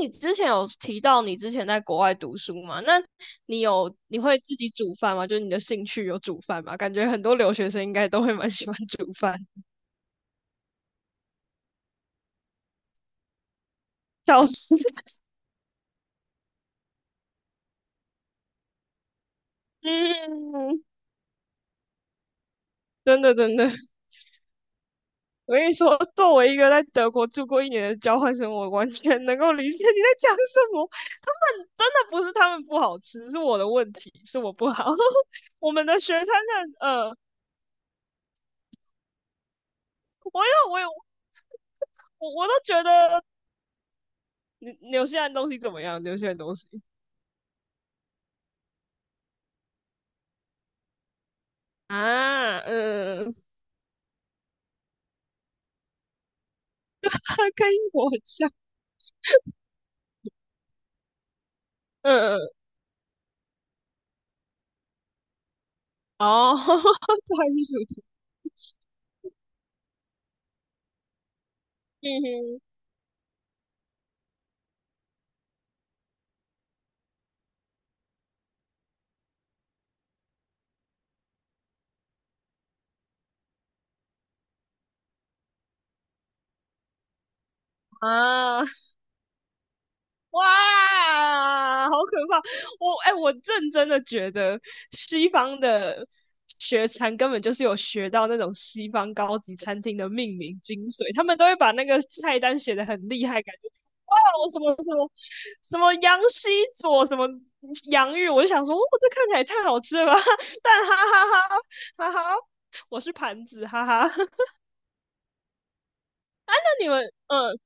你之前有提到你之前在国外读书嘛？那你会自己煮饭吗？就是你的兴趣有煮饭吗？感觉很多留学生应该都会蛮喜欢煮饭，笑死！嗯，真的真的，我跟你说，作为一个在德国住过一年的交换生，我完全能够理解你在讲什么。他们真的不是他们不好吃，是我的问题，是我不好。我们的学生呢，我要我有我我都觉得纽西兰东西怎么样？纽西兰东西。啊，嗯，它 跟英国很像。 嗯，哦，它还是属于嗯哼，啊，哇，好可怕！我我认真的觉得西方的学餐根本就是有学到那种西方高级餐厅的命名精髓，他们都会把那个菜单写得很厉害，感觉。哇，我什么羊西佐什么洋芋，我就想说，哦，这看起来也太好吃了吧！但哈哈哈哈哈哈，我是盘子，哈哈。那你们嗯。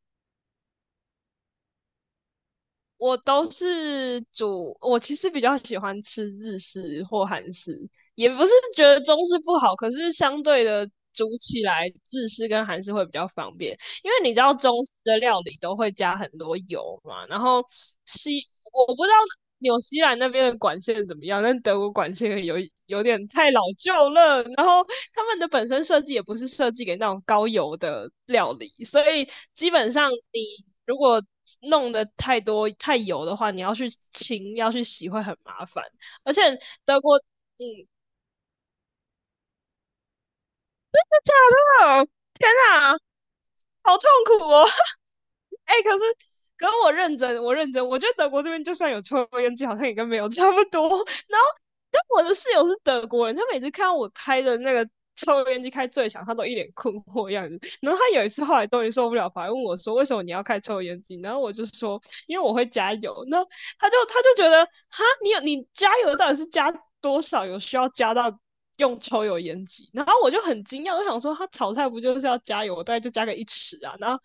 我都是煮，我其实比较喜欢吃日式或韩式，也不是觉得中式不好，可是相对的煮起来日式跟韩式会比较方便，因为你知道中式的料理都会加很多油嘛，然后西，我不知道纽西兰那边的管线怎么样，但德国管线有点太老旧了，然后他们的本身设计也不是设计给那种高油的料理，所以基本上你如果弄得太多太油的话，你要去洗会很麻烦，而且德国，嗯，哦，天哪，好痛苦哦！哎、欸可是可是我认真,我觉得德国这边就算有抽烟机，好像也跟没有差不多。然后，但我的室友是德国人，他每次看到我开的那个抽烟机开最强，他都一脸困惑的样子。然后他有一次后来终于受不了，反而问我说："为什么你要开抽烟机？"然后我就说："因为我会加油。"那他就觉得："哈，你加油到底是加多少？有需要加到？"用抽油烟机，然后我就很惊讶，我想说，他炒菜不就是要加油，我大概就加个一尺啊，然后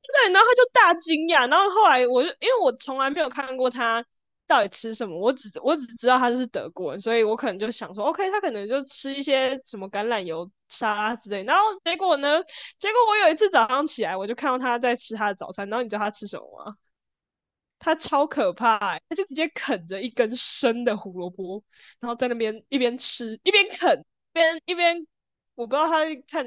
对，然后他就大惊讶，然后后来我就因为我从来没有看过他到底吃什么，我只知道他是德国人，所以我可能就想说，OK,他可能就吃一些什么橄榄油沙拉之类。然后结果呢，结果我有一次早上起来，我就看到他在吃他的早餐，然后你知道他吃什么吗？他超可怕，他就直接啃着一根生的胡萝卜，然后在那边一边吃一边啃，一边一边，我不知道他在看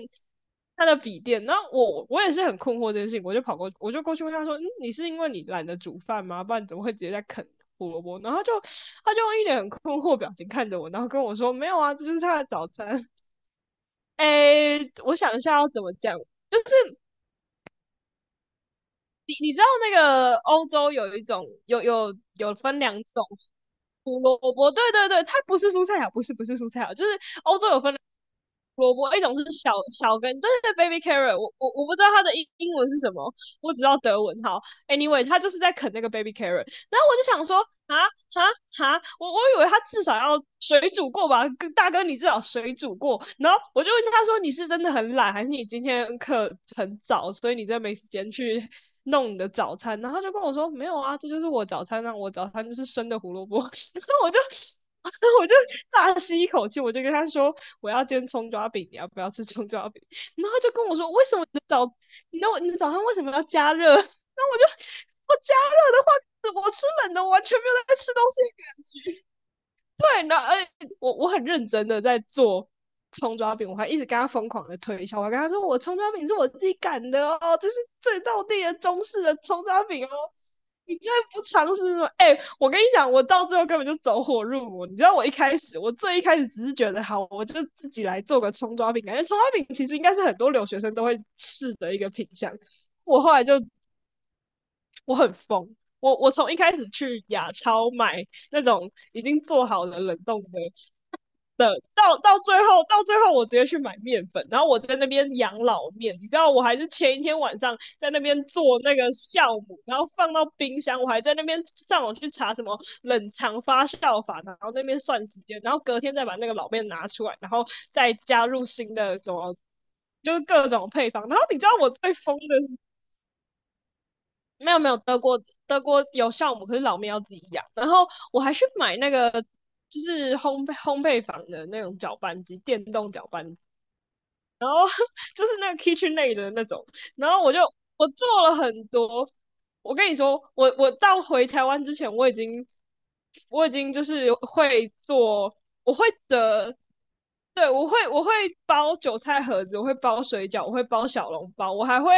他的笔电。然后我也是很困惑这件事情，我就过去问他说："嗯，你是因为你懒得煮饭吗？不然怎么会直接在啃胡萝卜？"然后他用一脸很困惑表情看着我，然后跟我说："没有啊，这就是他的早餐。哎，我想一下要怎么讲，就是你知道那个欧洲有一种有分两种胡萝卜，对对对，它不是蔬菜啊，不是不是蔬菜啊，就是欧洲有分胡萝卜，一种是小小根，对对对，baby carrot,我不知道它的英文是什么，我只知道德文。好，anyway,它就是在啃那个 baby carrot。然后我就想说，啊啊啊！我我以为他至少要水煮过吧，大哥你至少水煮过。然后我就问他说，你是真的很懒，还是你今天课很早，所以你真的没时间去弄你的早餐？然后他就跟我说，没有啊，这就是我早餐，那我早餐就是生的胡萝卜。然后我就。我就大吸一口气，我就跟他说我要煎葱抓饼，你要不要吃葱抓饼？然后他就跟我说为什么你的早，你的你的早餐为什么要加热？然后我就，我加热的话我吃冷的完全没有在吃东西的感觉。对，然后欸，我我很认真的在做葱抓饼，我还一直跟他疯狂的推销，我还跟他说我葱抓饼是我自己擀的哦，这是最道地的中式的葱抓饼哦。你再不尝试吗？我跟你讲，我到最后根本就走火入魔。你知道我一开始，我最一开始只是觉得好，我就自己来做个葱抓饼，感觉葱抓饼其实应该是很多留学生都会试的一个品相。我后来就我很疯，我从一开始去亚超买那种已经做好的冷冻的的，到最后我直接去买面粉，然后我在那边养老面，你知道我还是前一天晚上在那边做那个酵母，然后放到冰箱，我还在那边上网去查什么冷藏发酵法，然后那边算时间，然后隔天再把那个老面拿出来，然后再加入新的什么。就是各种配方，然后你知道我最疯的是没有没有，德国有酵母，可是老面要自己养。然后我还是买那个就是烘焙坊的那种搅拌机，电动搅拌，然后 就是那个 KitchenAid 的那种，然后我就，我做了很多。我跟你说，我我到回台湾之前，我已经就是会做，我会的，对，我会包韭菜盒子，我会包水饺，我会包小笼包，我还会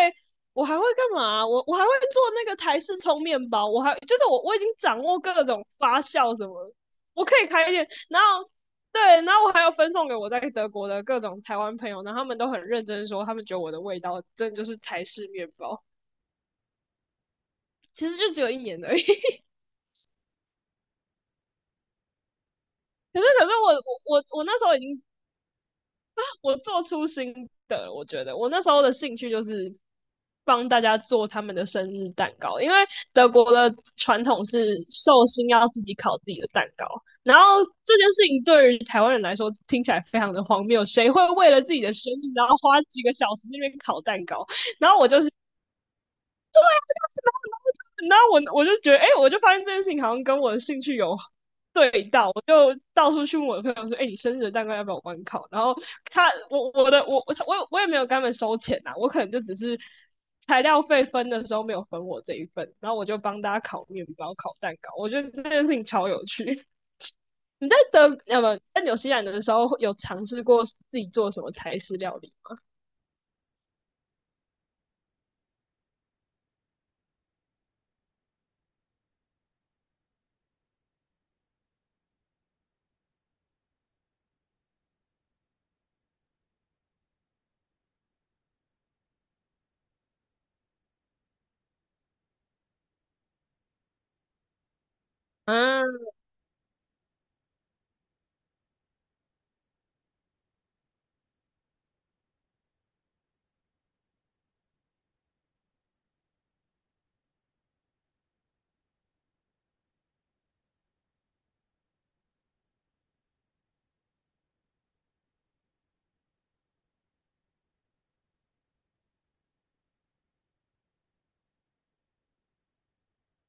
我还会干嘛啊？我还会做那个台式葱面包，我还，就是，我已经掌握各种发酵什么，我可以开店。然后对，然后我还要分送给我在德国的各种台湾朋友，然后他们都很认真说，他们觉得我的味道真的就是台式面包，其实就只有一年而已。可是我那时候已经，我做出新的，我觉得我那时候的兴趣就是帮大家做他们的生日蛋糕，因为德国的传统是寿星要自己烤自己的蛋糕，然后这件事情对于台湾人来说听起来非常的荒谬，谁会为了自己的生日然后花几个小时在那边烤蛋糕？然后我就是，然后,我我就觉得，欸，我就发现这件事情好像跟我的兴趣有对到，我就到处去问我的朋友说，欸，你生日的蛋糕要不要我帮你烤？然后他，我我的我我我也没有跟他们收钱我可能就只是材料费分的时候没有分我这一份，然后我就帮大家烤面包、烤蛋糕，我觉得这件事情超有趣。你在德呃不在纽西兰的时候有尝试过自己做什么台式料理吗？嗯啊，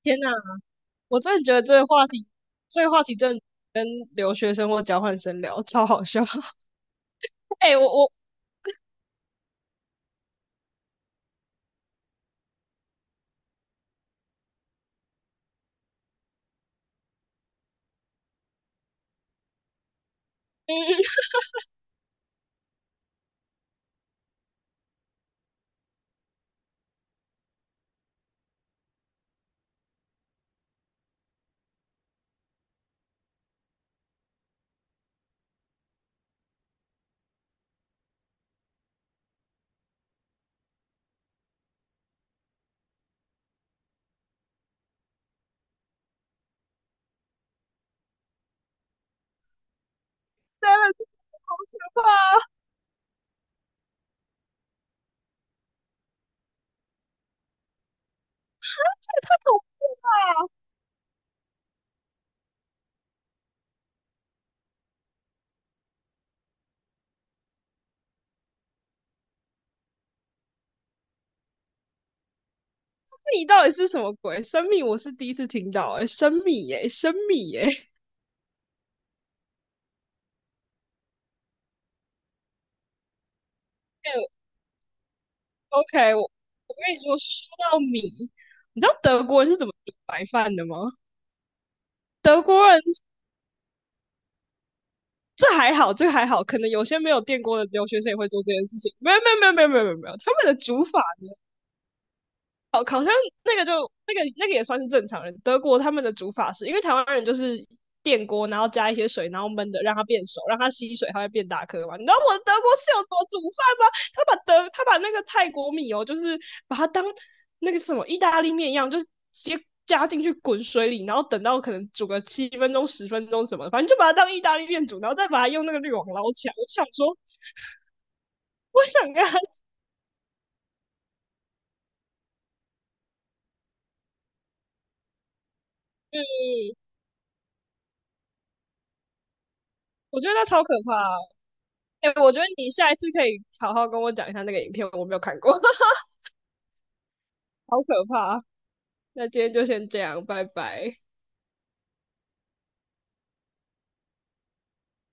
天哪！我真的觉得这个话题真的跟留学生或交换生聊超好笑。哎、我我嗯，真的是吧？不怕啊！生米到底是什么鬼？生米我是第一次听到、哎，生米耶、生米耶、哎 OK,我跟你说，说到米，你知道德国人是怎么煮白饭的吗？德国人，这还好，这还好，可能有些没有电锅的留学生也会做这件事情。没有没有没有没有没有没有，没有他们的煮法。那个就那个那个也算是正常人。德国他们的煮法是，因为台湾人就是电锅，然后加一些水，然后焖的，让它变熟，让它吸水，它会变大颗嘛。你知道我的德国室友怎么煮饭吗？他把那个泰国米哦，就是把它当那个什么意大利面一样，就是直接加进去滚水里，然后等到可能煮个7分钟、10分钟什么的，反正就把它当意大利面煮，然后再把它用那个滤网捞起来。我想说，我想跟他，我觉得那超可怕啊。我觉得你下一次可以好好跟我讲一下那个影片，我没有看过，好可怕。那今天就先这样，拜拜。